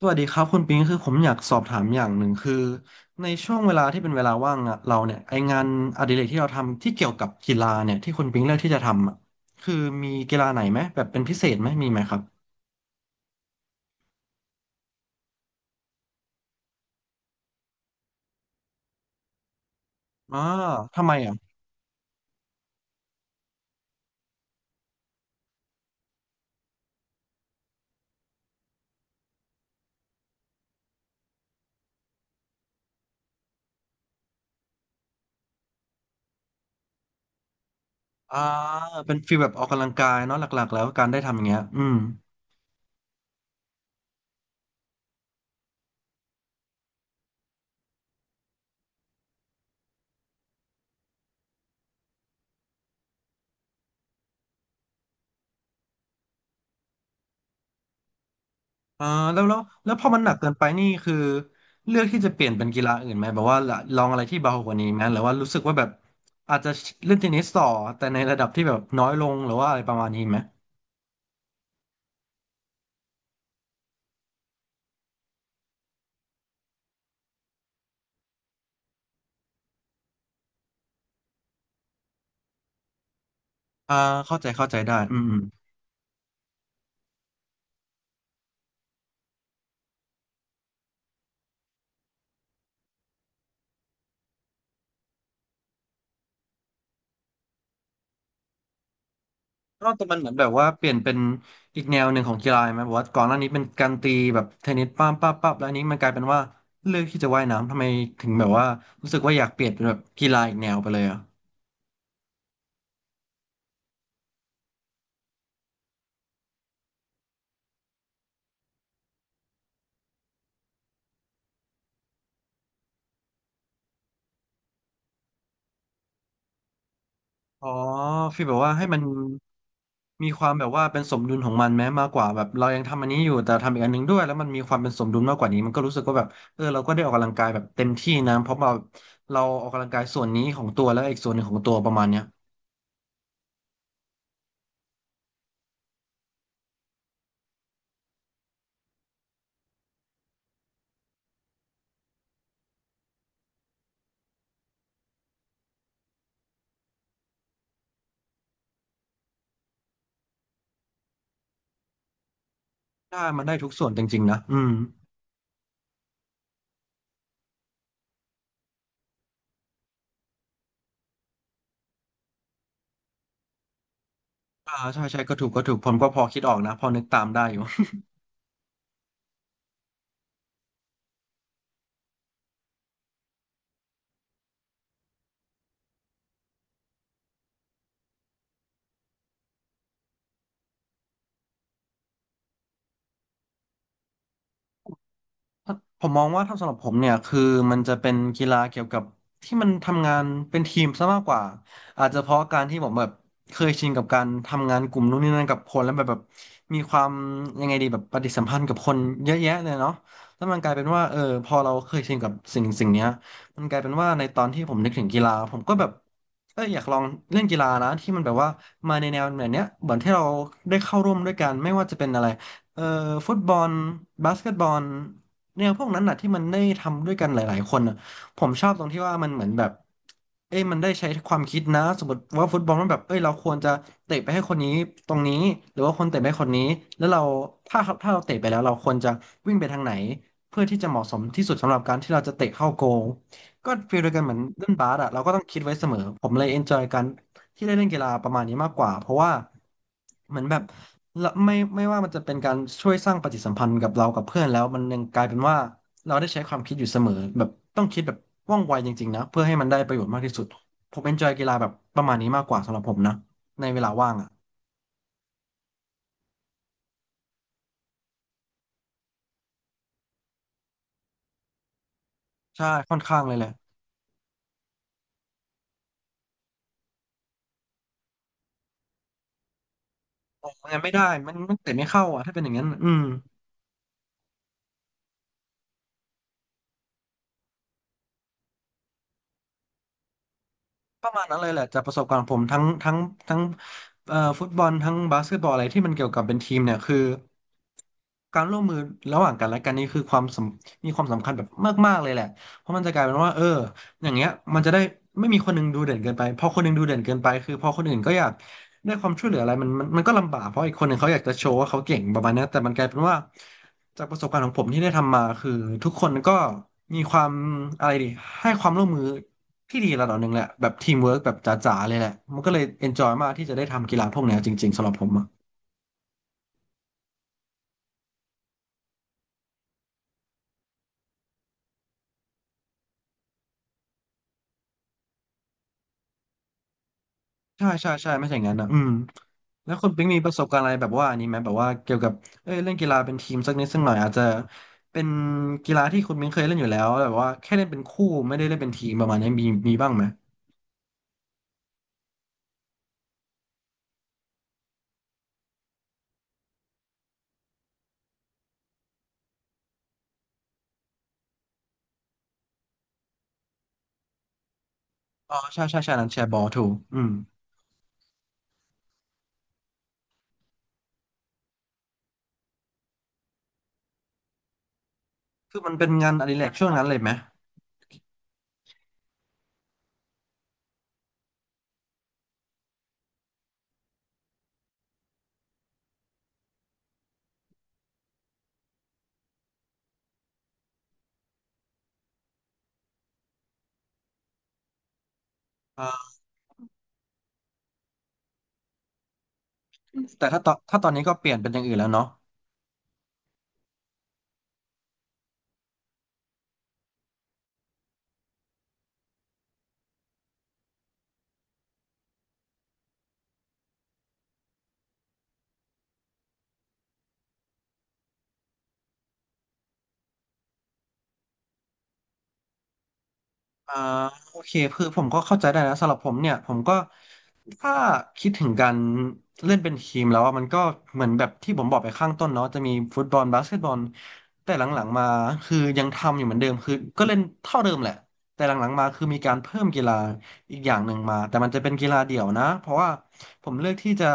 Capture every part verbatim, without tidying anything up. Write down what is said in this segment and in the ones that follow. สวัสดีครับคุณปิงคือผมอยากสอบถามอย่างหนึ่งคือในช่วงเวลาที่เป็นเวลาว่างอะเราเนี่ยไองานอดิเรกที่เราทำที่เกี่ยวกับกีฬาเนี่ยที่คุณปิงเลือกที่จะทำอะคือมีกีฬาไหนไหมแบบเป็นพิเศษไหมมีไหมครับอ่าทำไมอ่ะอ่าเป็นฟีลแบบออกกำลังกายเนาะหลักๆแล้วการได้ทำอย่างเงี้ยอืมอ่าแล้วแล้วแล้วพอมันหนักเกินไปนี่คือเลือกที่จะเปลี่ยนเป็นกีฬาอื่นไหมแบบว่าลลองอะไรที่เบากว่านี้ไหมหรือว่ารู้สึกว่าแบบอาจจะเล่นเทนนิสต่อแต่ในระดับที่แบบน้อยลงหรือว่าอะไรประมาณนี้ไหม อ่าเข้าใจเข้าใจได้อืมอืมนอกจากมันเหมือนแบบว่าเปลี่ยนเป็นอีกแนวหนึ่งของกีฬาไหมแบบว่าก่อนหน้านี้เป็นการตีแบบเทนนิสป้ามป้าปั๊บแล้วอันนี้มันกลายเป็นว่าเลือกที่จะว่ายน้ำทำไมถึงแบบว่ารู้สึกว่าอยากเปลี่ยนเป็นแบบกีฬาอีกแนวไปเลยอ่ะอ๋อฟีลแบบว่าให้มันมีความแบบว่าเป็นสมดุลของมันแม้มากกว่าแบบเรายังทำอันนี้อยู่แต่ทำอีกอันหนึงด้วยแล้วมันมีความเป็นสมดุลมากกว่านี้มันก็รู้สึกว่าแบบเออเราก็ได้ออกกำลังกายแบบเต็มที่นะเพราะเราเราออกกำลังกายส่วนนี้ของตัวแล้วอีกส่วนหนึ่งของตัวประมาณเนี้ย ได้มันได้ทุกส่วนจริงๆนะ อืมอ่าใช่ใช่ก็ถูกก็ถูกผมก็พอคิดออกนะพอนึกตามได้อยู่ ผมมองว่าถ้าสำหรับผมเนี่ยคือมันจะเป็นกีฬาเกี่ยวกับที่มันทำงานเป็นทีมซะมากกว่าอาจจะเพราะการที่ผมแบบเคยชินกับการทำงานกลุ่มนู่นนี่นั่นกับคนแล้วแบบแบบมีความยังไงดีแบบปฏิสัมพันธ์กับคนเยอะแยะเลยเนาะแล้วมันกลายเป็นว่าเออพอเราเคยชินกับสิ่งสิ่งเนี้ยมันกลายเป็นว่าในตอนที่ผมนึกถึงกีฬาผมก็แบบเอออยากลองเล่นกีฬานะที่มันแบบว่ามาในแนวแบบเนี้ยเหมือนที่เราได้เข้าร่วมด้วยกันไม่ว่าจะเป็นอะไรเอ่อฟุตบอลบาสเกตบอล แนวพวกนั้นน่ะที่มันได้ทำด้วยกันหลายๆคนน่ะผมชอบตรงที่ว่ามันเหมือนแบบเอ้ยมันได้ใช้ความคิดนะสมมติว่าฟุตบอลมันแบบเอ้ยเราควรจะเตะไปให้คนนี้ตรงนี้หรือว่าคนเตะไปให้คนนี้แล้วเราถ้าถ้าเราเตะไปแล้วเราควรจะวิ่งไปทางไหนเพื่อที่จะเหมาะสมที่สุดสำหรับการที่เราจะเตะเข้าโกลก็ฟีลเดียวกันเหมือนเล่นบาสอ่ะเราก็ต้องคิดไว้เสมอผมเลยเอนจอยกันที่ได้เล่นกีฬาประมาณนี้มากกว่าเพราะว่าเหมือนแบบ แล้วไม่ไม่ว่ามันจะเป็นการช่วยสร้างปฏิสัมพันธ์กับเรากับเพื่อนแล้วมันยังกลายเป็นว่าเราได้ใช้ความคิดอยู่เสมอแบบต้องคิดแบบว่องไวจริงๆนะเพื่อให้มันได้ประโยชน์มากที่สุดผมเอนจอยกีฬาแบบประมาณนี้มากกว่าสำหรับผมนะในเวลาว่างอ่ะใช่ค่อนข้างเลยแหละออกงานไม่ได้มันมันเตะไม่เข้าอ่ะถ้าเป็นอย่างนั้นอืม ประมาณนั้นเลยแหละจากประสบการณ์ของผมทั้งทั้งทั้งเอ่อฟุตบอลทั้งบาสเกตบอลอะไรที่มันเกี่ยวกับเป็นทีมเนี่ยคือการร่วมมือระหว่างกันและกันนี่คือความสำมีความสำคัญแบบมากๆเลยแหละเพราะมันจะกลายเป็นว่าเอออย่างเงี้ยมันจะได้ไม่มีคนหนึงดูเด่นเกินไปพอคนหนึงดูเด่นเกินไปคือพอคนอื่นก็อยากได้ความช่วยเหลืออะไรมันมันมันก็ลำบากเพราะอีกคนหนึ่งเขาอยากจะโชว์ว่าเขาเก่งประมาณเนี้ยแต่มันกลายเป็นว่าจากประสบการณ์ของผมที่ได้ทำมาคือทุกคนก็มีความอะไรดีให้ความร่วมมือ ที่ดีระดับหนึ่งแหละแบบทีมเวิร์กแบบจ๋าๆเลยแหละมันก็เลยเอนจอยมากที่จะได้ทำกีฬาพวกเนี้ยจริงๆสำหรับผมอะใช่ใช่ใช่ไม่ใช่อย่างนั้นนะอืมแล้วคุณปิ๊งมีประสบการณ์อะไรแบบว่าอันนี้ไหมแบบว่าเกี่ยวกับเอ้ยเล่นกีฬาเป็นทีมสักนิดสักหน่อยอาจจะเป็นกีฬาที่คุณปิ๊งเคยเล่นอยู่แล้วแบบว่าแค่เล่นเป็นคู่ไม่ได้เล่นเป็นทีมประมาณนี้มีมีบ้างไหมอ๋อใช่ใช่ใช่นั้นแชร์บอลถูกอืมคือมันเป็นงานอดิเรกช่วงนั้นเลยไหมอ่าแต่ถ้าตอนถ้าตอนนี้ก็เปลี่ยนเป็นอย่างอื่นแล้วเนาะ อ่าโอเคคือผมก็เข้าใจได้นะสำหรับผมเนี่ยผมก็ถ้าคิดถึงการเล่นเป็นทีมแล้วอะมันก็เหมือนแบบที่ผมบอกไปข้างต้นเนาะจะมีฟุตบอลบาสเกตบอลแต่หลังๆมาคือยังทำอยู่เหมือนเดิมคือก็เล่นเท่าเดิมแหละแต่หลังๆมาคือมีการเพิ่มกีฬาอีกอย่างหนึ่งมาแต่มันจะเป็นกีฬาเดี่ยวนะเพราะว่าผมเลือกที่จะ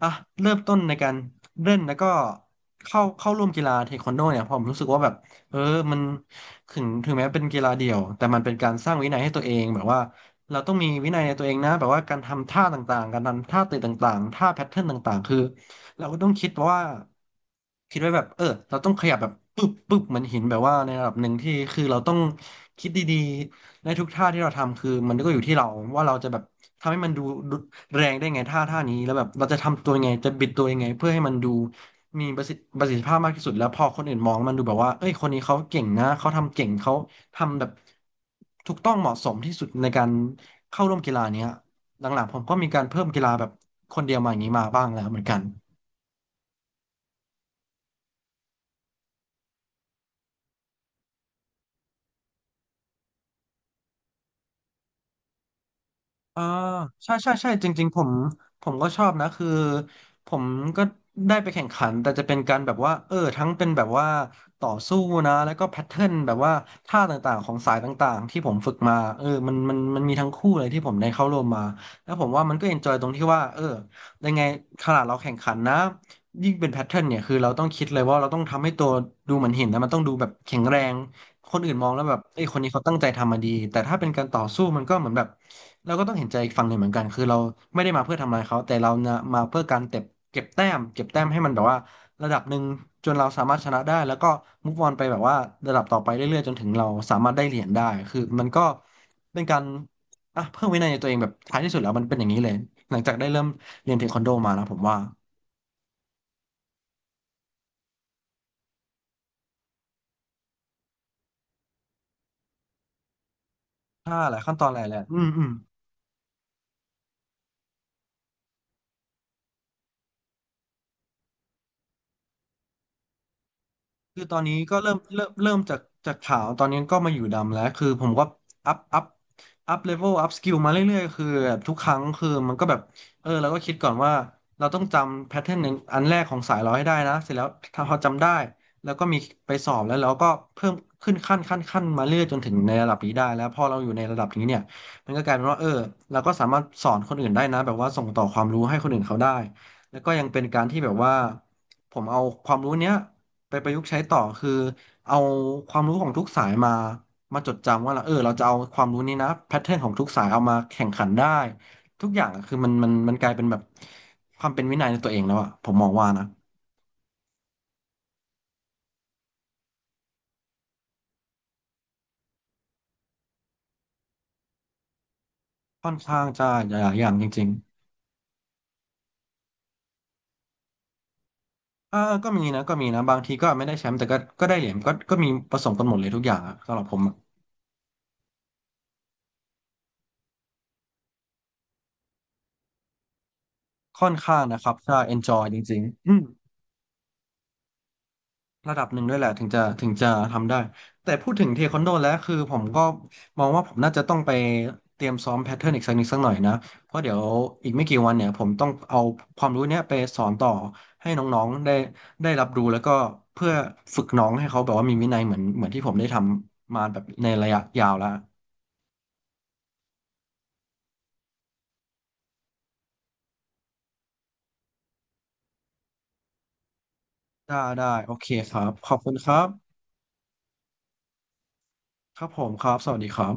อ่ะเริ่มต้นในการเล่นแล้วก็เข้าเข้าร่วมกีฬาเทควันโดเนี่ยเพราะผมรู้สึกว่าแบบ เออมันถึงถึงแม้เป็นกีฬาเดี่ยวแต่มันเป็นการสร้างวินัยให้ตัวเองแบบว่าเราต้องมีวินัยในตัวเองนะแบบว่าการทำท่าต่างๆ การทำท่าเตะต่างๆท่าแพทเทิร์นต่างๆคือเราก็ต้องคิดว่าคิดไว้แบบเออเราต้องขยับแบบปึ๊บปึ๊บเหมือนหินแบบว่าในระดับหนึ่งที่คือเราต้องคิดดีๆในทุกท่าที่เราทำคือมันก็อยู่ที่เราว่าเราจะแบบทำให้มันดูดูแรงได้ไงท่าท่านี้แล้วแบบเราจะทำตัวยังไงจะบิดตัวยังไงเพื่อให้มันดู มีประสิทธิประสิทธิภาพมากที่สุดแล้วพอคนอื่นมองมันดูแบบว่าเอ้ยคนนี้เขาเก่งนะ เขาทำเก่งเขาทำแบบถูกต้องเหมาะสมที่สุดในการเข้าร่วมกีฬาเนี้ยหลังๆผมก็มีการเพิ่มกีฬาแบบคนเดียวมาอย่างนี้มาบ้างแล้วเหมือนกัน อ่าใช่ใช่ใช่จริงๆผมผมก็ชอบนะคือผมก็ได้ไปแข่งขันแต่จะเป็นการแบบว่าเออทั้งเป็นแบบว่าต่อสู้นะแล้วก็แพทเทิร์นแบบว่าท่าต่างๆของสายต่างๆที่ผมฝึกมาเออมันมันมันมีทั้งคู่เลยที่ผมได้เข้าร่วมมาแล้วผมว่ามันก็เอนจอยตรงที่ว่าเออยังไงขนาดเราแข่งขันนะยิ่งเป็นแพทเทิร์นเนี่ยคือเราต้องคิดเลยว่าเราต้องทำให้ตัวดูเหมือนหินนะมันต้องดูแบบแข็งแรง คนอื่นมองแล้วแบบเอ้ยคนนี้เขาตั้งใจทำมาดีแต่ถ้าเป็นการต่อสู้มันก็เหมือนแบบเราก็ต้องเห็นใจอีกฝั่งหนึ่งเหมือนกัน คือเราไม่ได้มาเพื่อทำลายเขา แต่เรานะมาเพื่อการเก็บเก็บแต้มเก็บแต้มให้มันแบบว่าระดับหนึ่งจนเราสามารถชนะได้แล้วก็มุฟออนไปแบบว่าระดับต่อไปเรื่อยๆจนถึงเราสามารถได้เหรียญได้คือมันก็เป็นการอ่ะเพิ่มวินัยในตัวเองแบบท้ายที่สุดแล้วมันเป็นอย่างนี้เลยหลังจากได้เริ่มเรียนเทควันโดมานะผมว่าถ้าหลายขั้นตอนหลายแหละอืมอืม คือตอนนี้ก็เริ่มเริ่มเริ่มจากจากขาวตอนนี้ก็มาอยู่ดำแล้วคือผมก็อัพอัพอัพเลเวลอัพสกิลมาเรื่อยๆคือแบบทุกครั้งคือมันก็แบบเออเราก็คิดก่อนว่าเราต้องจำแพทเทิร์นอันแรกของสายเราให้ได้นะเสร็จแล้วถ้าพอจำได้แล้วก็มีไปสอบแล้วเราก็เพิ่มขึ้นขั้นขั้นขั้นมาเรื่อยจนถึงในระดับนี้ได้แล้วพอเราอยู่ในระดับนี้เนี่ยมันก็กลายเป็นว่าเออเราก็สามารถสอนคนอื่นได้นะแบบว่าส่งต่อความรู้ให้คนอื่นเขาได้แล้วก็ยังเป็นการที่แบบว่าผมเอาความรู้เนี้ย ไปประยุกต์ใช้ต่อคือเอาความรู้ของทุกสายมามาจดจำว่าเราเออเราจะเอาความรู้นี้นะแพทเทิร์นของทุกสายเอามาแข่งขันได้ทุกอย่างอะคือมันมันมันกลายเป็นแบบความเป็นวินัยในตัวเองแล้วอะผมมองว่านะค่อนข้างจะหลายอย่างจริงๆอ่าก็มีนะก็มีนะบางทีก็ไม่ได้แชมป์แต่ก็ก็ได้เหรียญก็ก็มีผสมกันหมดเลยทุกอย่างอะสำหรับผมอะค่อนข้างนะครับถ้า enjoy จริงๆอืม ระดับหนึ่งด้วยแหละถึงจะถึงจะทำได้แต่พูดถึงเทควันโดแล้วคือผมก็มองว่าผมน่าจะต้องไปเตรียมซ้อมแพทเทิร์นอีกสักนิดสักหน่อยนะเพราะเดี๋ยวอีกไม่กี่วันเนี่ยผมต้องเอาความรู้เนี้ยไปสอนต่อให้น้องๆได้ได้รับรู้แล้วก็เพื่อฝึกน้องให้เขาแบบว่ามีวินัยเหมือนเหมือนที่ผมได้ทำมาแบบในระยะยาวแล้วได้ได้โอเคครับขอบคุณครับครับผมครับสวัสดีครับ